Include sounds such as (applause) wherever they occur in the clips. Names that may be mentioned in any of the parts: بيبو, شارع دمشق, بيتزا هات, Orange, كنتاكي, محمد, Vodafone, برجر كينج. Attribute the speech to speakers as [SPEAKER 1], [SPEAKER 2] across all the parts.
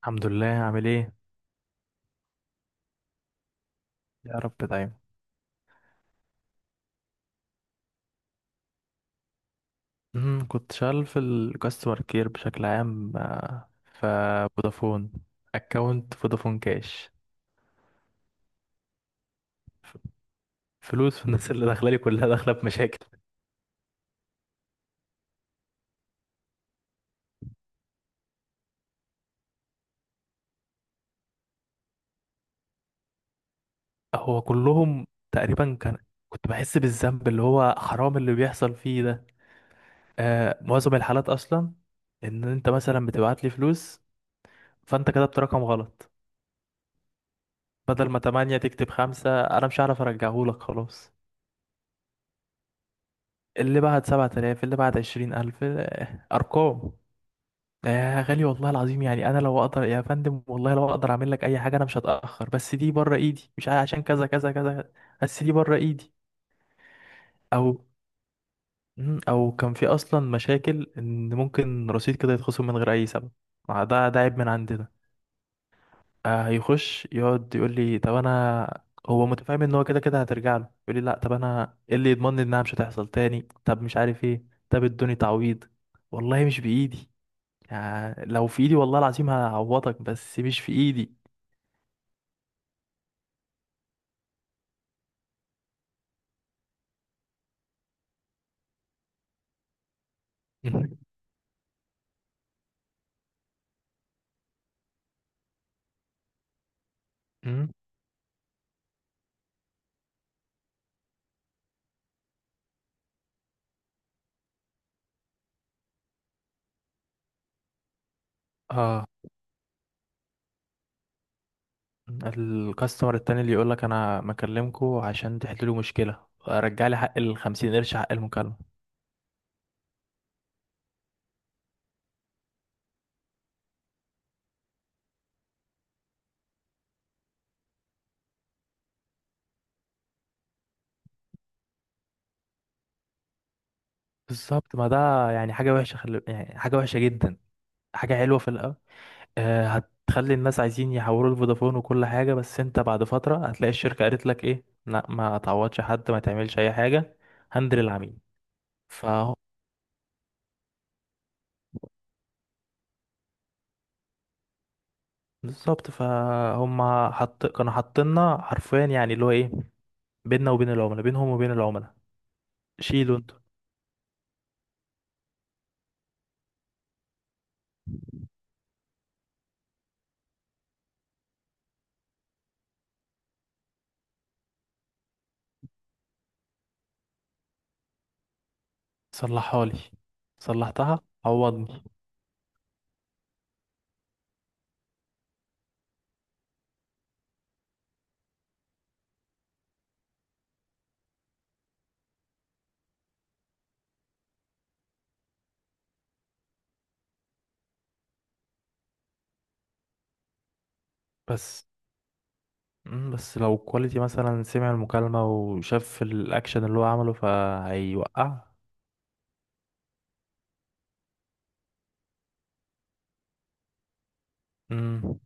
[SPEAKER 1] الحمد لله. عامل ايه؟ يا رب دايما. كنت شغال في الكاستمر كير بشكل عام، في فودافون اكونت فودافون كاش. ف- فلوس الناس اللي داخله لي كلها داخله بمشاكل. هو كلهم تقريبا كنت بحس بالذنب اللي هو حرام اللي بيحصل فيه ده. آه، معظم الحالات اصلا ان انت مثلا بتبعت لي فلوس فانت كتبت رقم غلط. بدل ما تمانية تكتب خمسة انا مش هعرف ارجعهولك خلاص. اللي بعد 7000 اللي بعد 20000، آه، أرقام. يا غالي، والله العظيم يعني أنا لو أقدر يا فندم، والله لو أقدر أعمل لك أي حاجة أنا مش هتأخر، بس دي بره إيدي مش عشان كذا كذا كذا. بس دي بره إيدي. أو أو كان في أصلا مشاكل إن ممكن رصيد كده يتخصم من غير أي سبب. آه، ده عيب من عندنا. آه، هيخش يقعد يقول لي طب أنا. هو متفاهم إن هو كده كده هترجع له، يقول لي لأ طب أنا إيه اللي يضمنني إنها مش هتحصل تاني، طب مش عارف إيه، طب ادوني تعويض. والله مش بإيدي، يعني لو في ايدي والله العظيم هعوضك بس مش في ايدي. (laughs) مم. مم. اه. الكاستمر التاني اللي يقولك انا مكلمكوا عشان تحلوا مشكلة رجع لي حق 50 قرش حق المكالمة. بالظبط. ما ده يعني حاجة وحشة يعني حاجة وحشة جدا. حاجة حلوة في الأول. آه، هتخلي الناس عايزين يحولوا لفودافون وكل حاجة، بس انت بعد فترة هتلاقي الشركة قالت لك ايه، لا ما تعوضش حد ما تعملش اي حاجة. هندل العميل. بالظبط، فهم حط كانوا حاطيننا حرفيا يعني اللي هو ايه، بيننا وبين العملاء، بينهم وبين العملاء. شيلوا انتوا. صلحها لي. صلحتها عوضني. بس. بس لو كواليتي مثلا سمع المكالمة وشاف الأكشن اللي هو عمله فهيوقع. مم.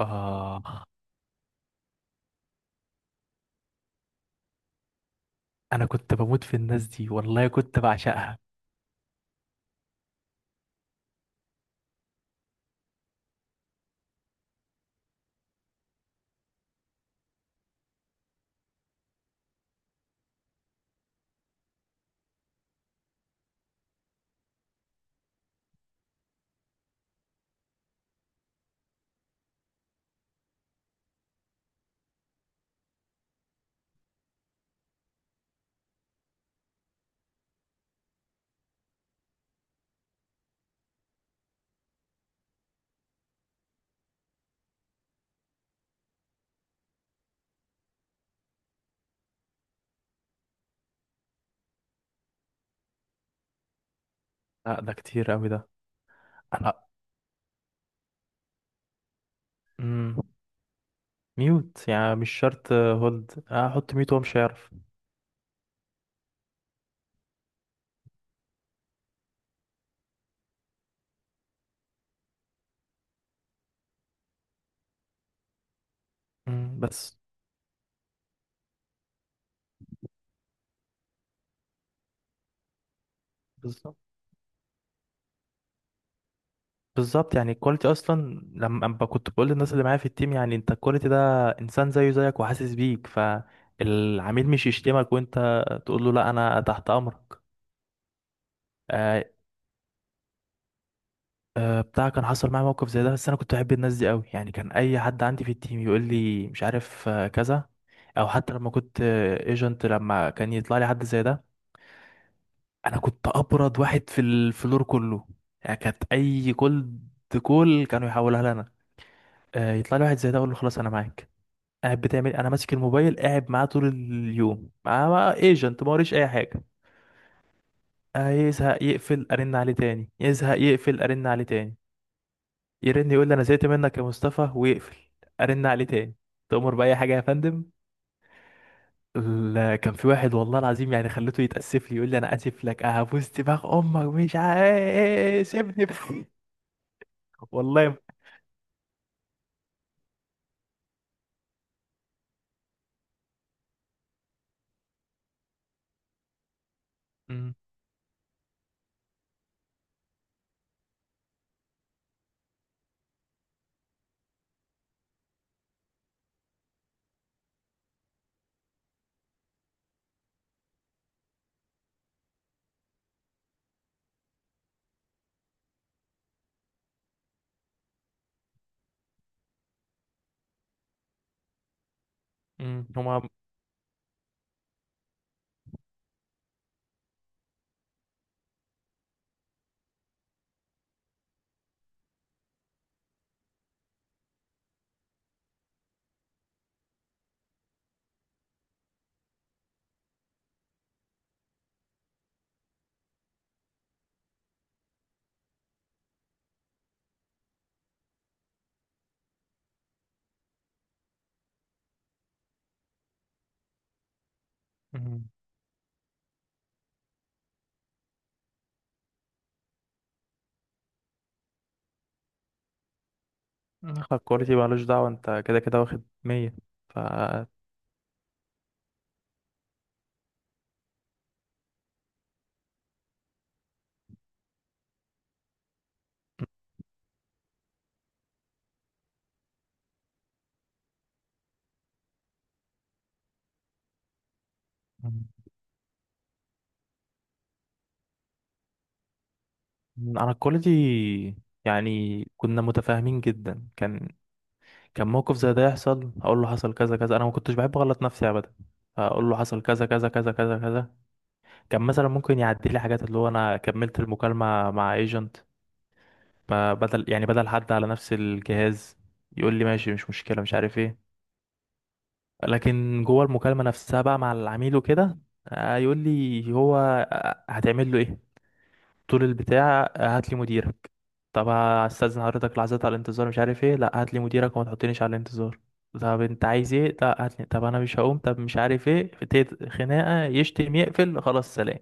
[SPEAKER 1] آه. أنا كنت بموت في الناس دي والله كنت بعشقها. لا ده كتير أوي ده. أنا. مم. ميوت يعني مش شرط هولد، أحط ميوت وهو مش هيعرف. بس. بالظبط. بالظبط، يعني الكواليتي اصلا لما كنت بقول للناس اللي معايا في التيم، يعني انت الكواليتي ده انسان زيه زيك وحاسس بيك، فالعميل مش يشتمك وانت تقول له لا انا تحت امرك. آه آه، بتاع كان حصل معايا موقف زي ده، بس انا كنت بحب الناس دي قوي. يعني كان اي حد عندي في التيم يقول لي مش عارف، آه، كذا. او حتى لما كنت ايجنت لما كان يطلع لي حد زي ده انا كنت ابرد واحد في الفلور كله. يعني كانت اي كولد كول كانوا يحولها لنا. يطلع لي واحد زي ده اقول له خلاص انا معاك، قاعد بتعمل، انا ماسك الموبايل قاعد معاه طول اليوم معاه ايجنت ما وريش اي حاجه. يزهق يقفل ارن عليه تاني، يزهق يقفل ارن عليه تاني، يرن يقول لي انا زهقت منك يا مصطفى ويقفل، ارن عليه تاني، تؤمر باي حاجه يا فندم. لا كان في واحد والله العظيم يعني خليته يتاسف لي يقول لي انا اسف لك هبوس دماغ امك مش عايز سيبني بقى. (laughs) والله. امم. هما. امم الكواليتي مالوش دعوه، انت كده كده واخد 100. ف مم. انا الكواليتي يعني كنا متفاهمين جدا، كان موقف زي ده يحصل اقول له حصل كذا كذا، انا ما كنتش بحب اغلط نفسي ابدا. اقول له حصل كذا كذا كذا كذا كذا. كان مثلا ممكن يعدي لي حاجات اللي هو انا كملت المكالمه مع ايجنت، بدل حد على نفس الجهاز، يقول لي ماشي مش مشكله مش عارف ايه. لكن جوه المكالمه نفسها بقى مع العميل وكده، آه، يقول لي هو آه، هتعمل له ايه، طول البتاع هات لي مديرك. طب هستأذن حضرتك لحظات على الانتظار مش عارف ايه، لا هات لي مديرك وما تحطنيش على الانتظار. طب انت عايز ايه، لا هات لي، طب انا مش هقوم، طب مش عارف ايه، ابتدت خناقه يشتم يقفل خلاص سلام.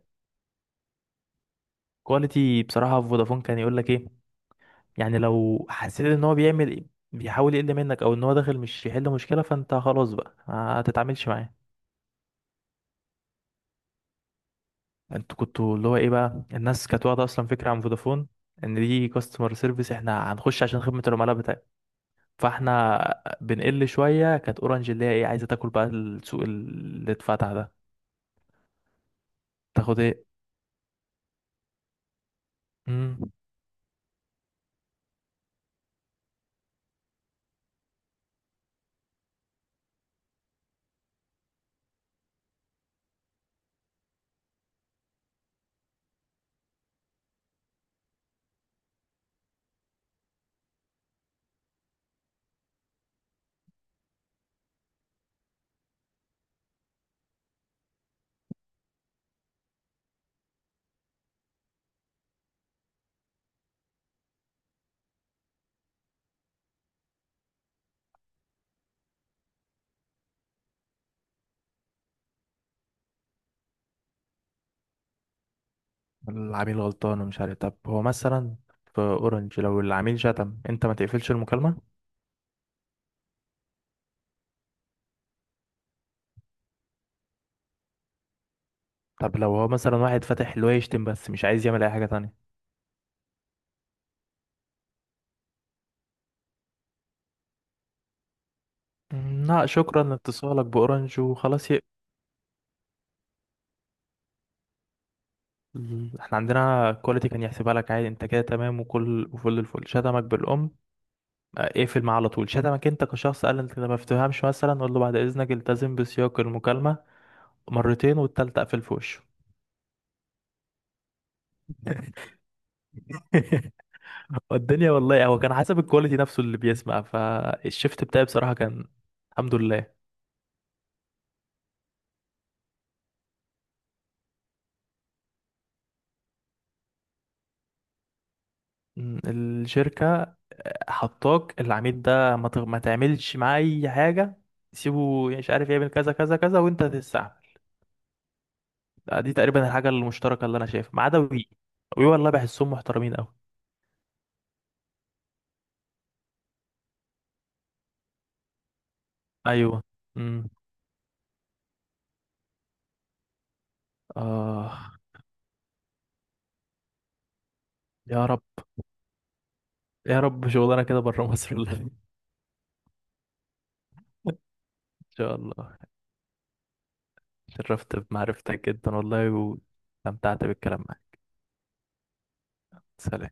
[SPEAKER 1] كواليتي بصراحه في فودافون كان يقول لك ايه، يعني لو حسيت ان هو بيحاول يقل منك او ان هو داخل مش يحل مشكله فانت خلاص بقى ما تتعاملش معاه. انتوا كنتوا اللي هو ايه بقى، الناس كانت واخده اصلا فكره عن فودافون ان دي كاستمر سيرفيس احنا هنخش عشان خدمه العملاء. فاحنا بنقل شوية، كانت اورنج اللي هي ايه عايزة تاكل بقى السوق اللي اتفتح ده، تاخد ايه. مم. العميل غلطان ومش عارف، طب هو مثلا في اورنج لو العميل شتم انت ما تقفلش المكالمة. طب لو هو مثلا واحد فاتح اللي هو يشتم بس مش عايز يعمل اي حاجة تانية. مم، لا شكرا لاتصالك باورنج وخلاص يقفل. احنا عندنا كواليتي كان يحسبها لك عادي انت كده تمام وكل وفل الفل، شتمك بالام. آه، اقفل معاه على طول. شتمك انت كشخص قال انت ما بتفهمش مثلا قول له بعد اذنك التزم بسياق المكالمة، مرتين والتالتة قفل في وشه. (laughs) والدنيا والله هو كان حسب الكواليتي نفسه اللي بيسمع فالشيفت بتاعي بصراحة، كان الحمد لله. الشركة آه، حطاك العميل ده ما تعملش معاه أي حاجة. سيبه مش عارف يعمل كذا كذا كذا وأنت تستعمل. آه، دي تقريبا الحاجة المشتركة اللي أنا شايفها ما عدا وي. وي والله بحسهم محترمين أوي. أيوه. امم. آه، يا رب. يا رب شغلانة كده بره مصر والله. (laughs) إن شاء الله. شرفت بمعرفتك جدا والله. واستمتعت بالكلام معك. سلام.